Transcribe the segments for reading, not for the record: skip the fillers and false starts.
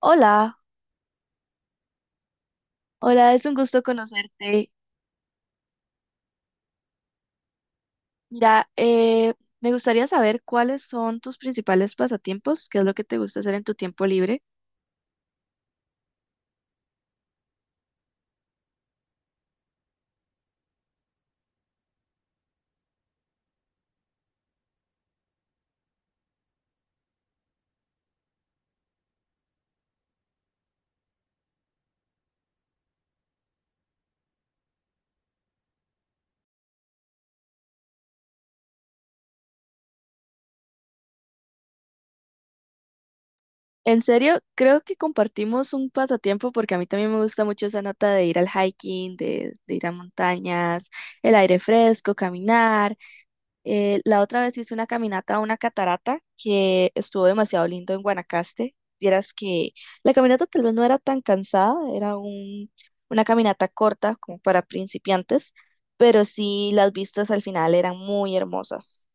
Hola, hola, es un gusto conocerte. Mira, me gustaría saber cuáles son tus principales pasatiempos, qué es lo que te gusta hacer en tu tiempo libre. En serio, creo que compartimos un pasatiempo porque a mí también me gusta mucho esa nota de ir al hiking, de ir a montañas, el aire fresco, caminar. La otra vez hice una caminata a una catarata que estuvo demasiado lindo en Guanacaste. Vieras que la caminata tal vez no era tan cansada, una caminata corta como para principiantes, pero sí las vistas al final eran muy hermosas.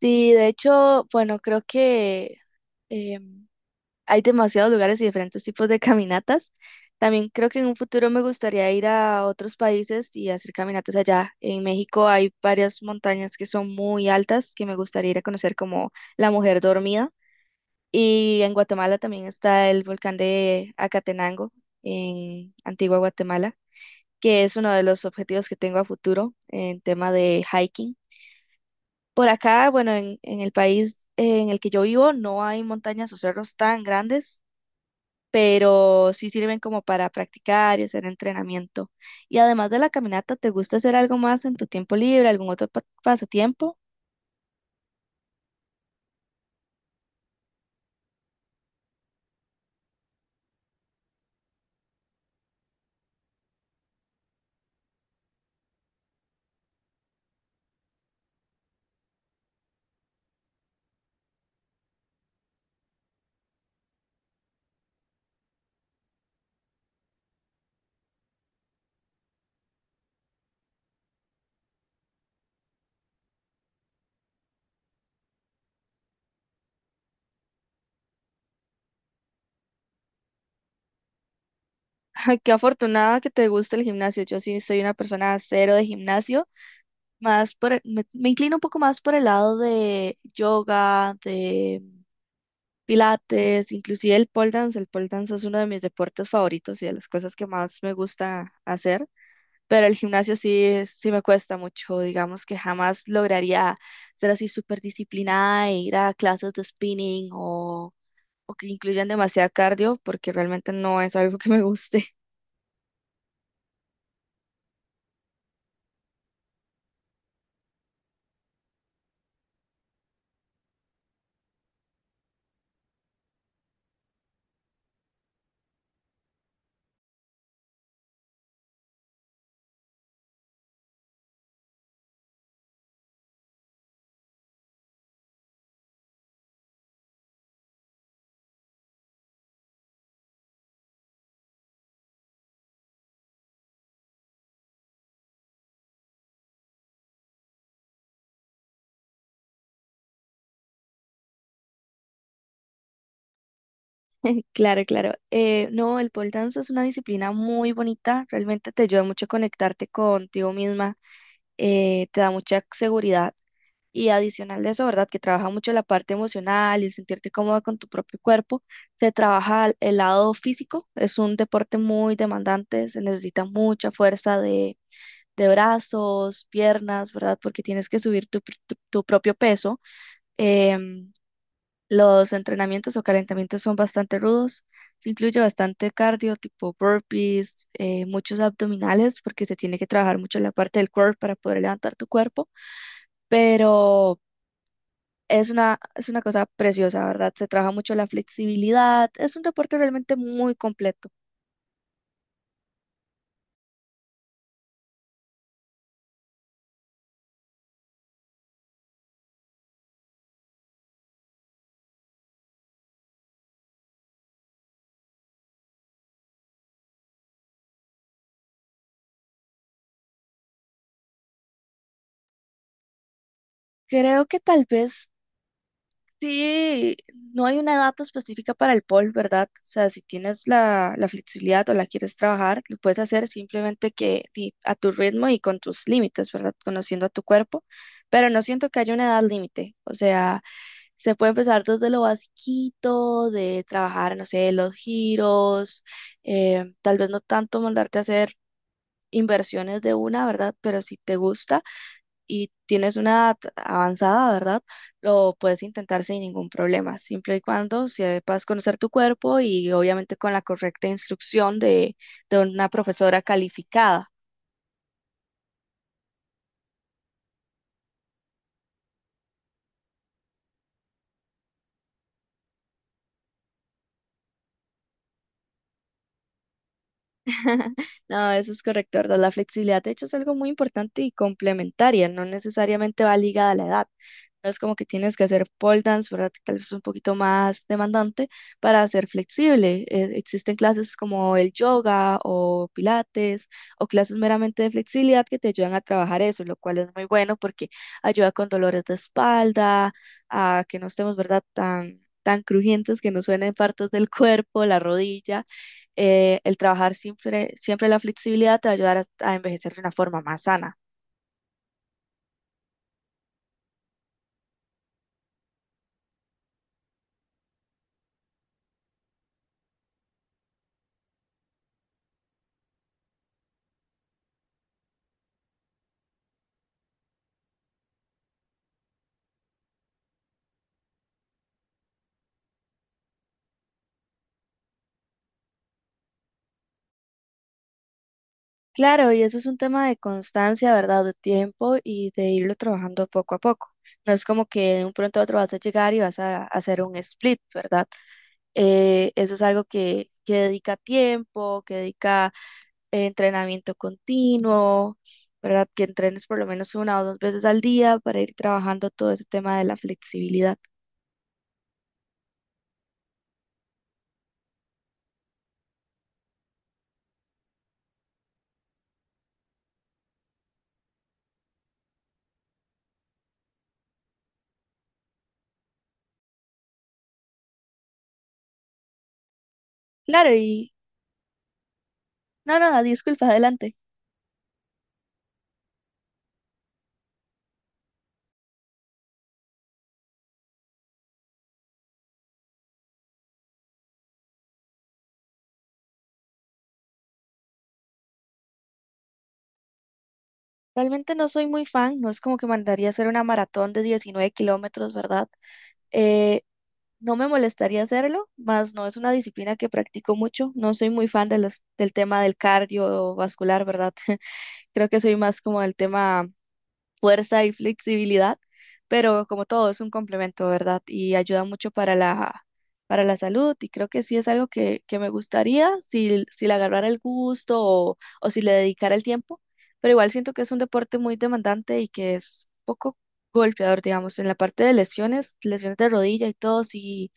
Sí, de hecho, bueno, creo que em, hay demasiados lugares y diferentes tipos de caminatas. También creo que en un futuro me gustaría ir a otros países y hacer caminatas allá. En México hay varias montañas que son muy altas que me gustaría ir a conocer como la Mujer Dormida. Y en Guatemala también está el volcán de Acatenango, en Antigua Guatemala, que es uno de los objetivos que tengo a futuro en tema de hiking. Por acá, bueno, en el país en el que yo vivo no hay montañas o cerros tan grandes pero sí sirven como para practicar y hacer entrenamiento. Y además de la caminata, ¿te gusta hacer algo más en tu tiempo libre, algún otro pasatiempo? Ay, qué afortunada que te guste el gimnasio. Yo sí soy una persona cero de gimnasio, más me inclino un poco más por el lado de yoga, de pilates, inclusive el pole dance. El pole dance es uno de mis deportes favoritos y de las cosas que más me gusta hacer. Pero el gimnasio sí me cuesta mucho, digamos que jamás lograría ser así súper disciplinada e ir a clases de spinning, o que incluyan demasiado cardio, porque realmente no es algo que me guste. Claro, claro. No, el pole dance es una disciplina muy bonita, realmente te ayuda mucho a conectarte contigo misma, te da mucha seguridad y adicional de eso, ¿verdad? Que trabaja mucho la parte emocional y el sentirte cómoda con tu propio cuerpo. Se trabaja el lado físico, es un deporte muy demandante, se necesita mucha fuerza de brazos, piernas, ¿verdad? Porque tienes que subir tu propio peso. Em, los entrenamientos o calentamientos son bastante rudos. Se incluye bastante cardio, tipo burpees, muchos abdominales, porque se tiene que trabajar mucho la parte del core para poder levantar tu cuerpo. Pero es una cosa preciosa, ¿verdad? Se trabaja mucho la flexibilidad. Es un deporte realmente muy completo. Creo que tal vez sí, no hay una edad específica para el pole, ¿verdad? O sea, si tienes la flexibilidad o la quieres trabajar, lo puedes hacer simplemente que a tu ritmo y con tus límites, ¿verdad? Conociendo a tu cuerpo, pero no siento que haya una edad límite. O sea, se puede empezar desde lo basiquito, de trabajar, no sé, los giros, tal vez no tanto mandarte a hacer inversiones de una, ¿verdad? Pero si te gusta y tienes una edad avanzada, ¿verdad? Lo puedes intentar sin ningún problema, siempre y cuando sepas conocer tu cuerpo y obviamente con la correcta instrucción de una profesora calificada. No, eso es correcto, ¿verdad? La flexibilidad, de hecho, es algo muy importante y complementaria, no necesariamente va ligada a la edad. No es como que tienes que hacer pole dance, ¿verdad? Que tal vez es un poquito más demandante para ser flexible. Existen clases como el yoga o pilates o clases meramente de flexibilidad que te ayudan a trabajar eso, lo cual es muy bueno porque ayuda con dolores de espalda, a que no estemos, ¿verdad? Tan crujientes que nos suenen partes del cuerpo, la rodilla el trabajar siempre la flexibilidad te va a ayudar a envejecer de una forma más sana. Claro, y eso es un tema de constancia, ¿verdad? De tiempo y de irlo trabajando poco a poco. No es como que de un pronto a otro vas a llegar y hacer un split, ¿verdad? Eso es algo que dedica tiempo, que dedica entrenamiento continuo, ¿verdad? Que entrenes por lo menos una o dos veces al día para ir trabajando todo ese tema de la flexibilidad. Claro, y no, no, disculpa, adelante. Realmente no soy muy fan, no es como que mandaría hacer una maratón de 19 kilómetros, ¿verdad? Eh, no me molestaría hacerlo, más no es una disciplina que practico mucho, no soy muy fan de del tema del cardiovascular, ¿verdad? Creo que soy más como del tema fuerza y flexibilidad, pero como todo es un complemento, ¿verdad? Y ayuda mucho para para la salud y creo que sí es algo que me gustaría si le agarrara el gusto o si le dedicara el tiempo, pero igual siento que es un deporte muy demandante y que es poco golpeador, digamos, en la parte de lesiones, lesiones de rodilla y todo,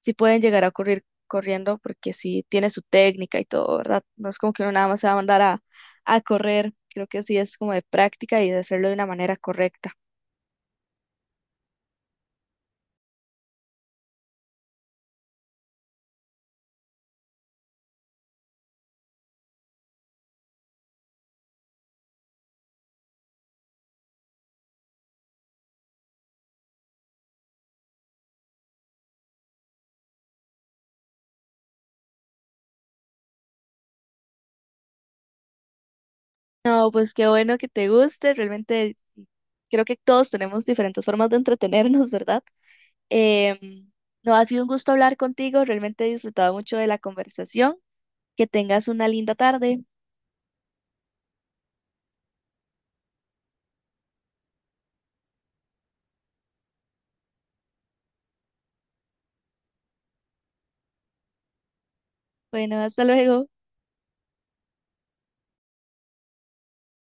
sí pueden llegar a ocurrir corriendo porque sí tiene su técnica y todo, ¿verdad? No es como que uno nada más se va a mandar a correr, creo que sí es como de práctica y de hacerlo de una manera correcta. No, pues qué bueno que te guste, realmente creo que todos tenemos diferentes formas de entretenernos, ¿verdad? Em, no, ha sido un gusto hablar contigo, realmente he disfrutado mucho de la conversación, que tengas una linda tarde. Bueno, hasta luego.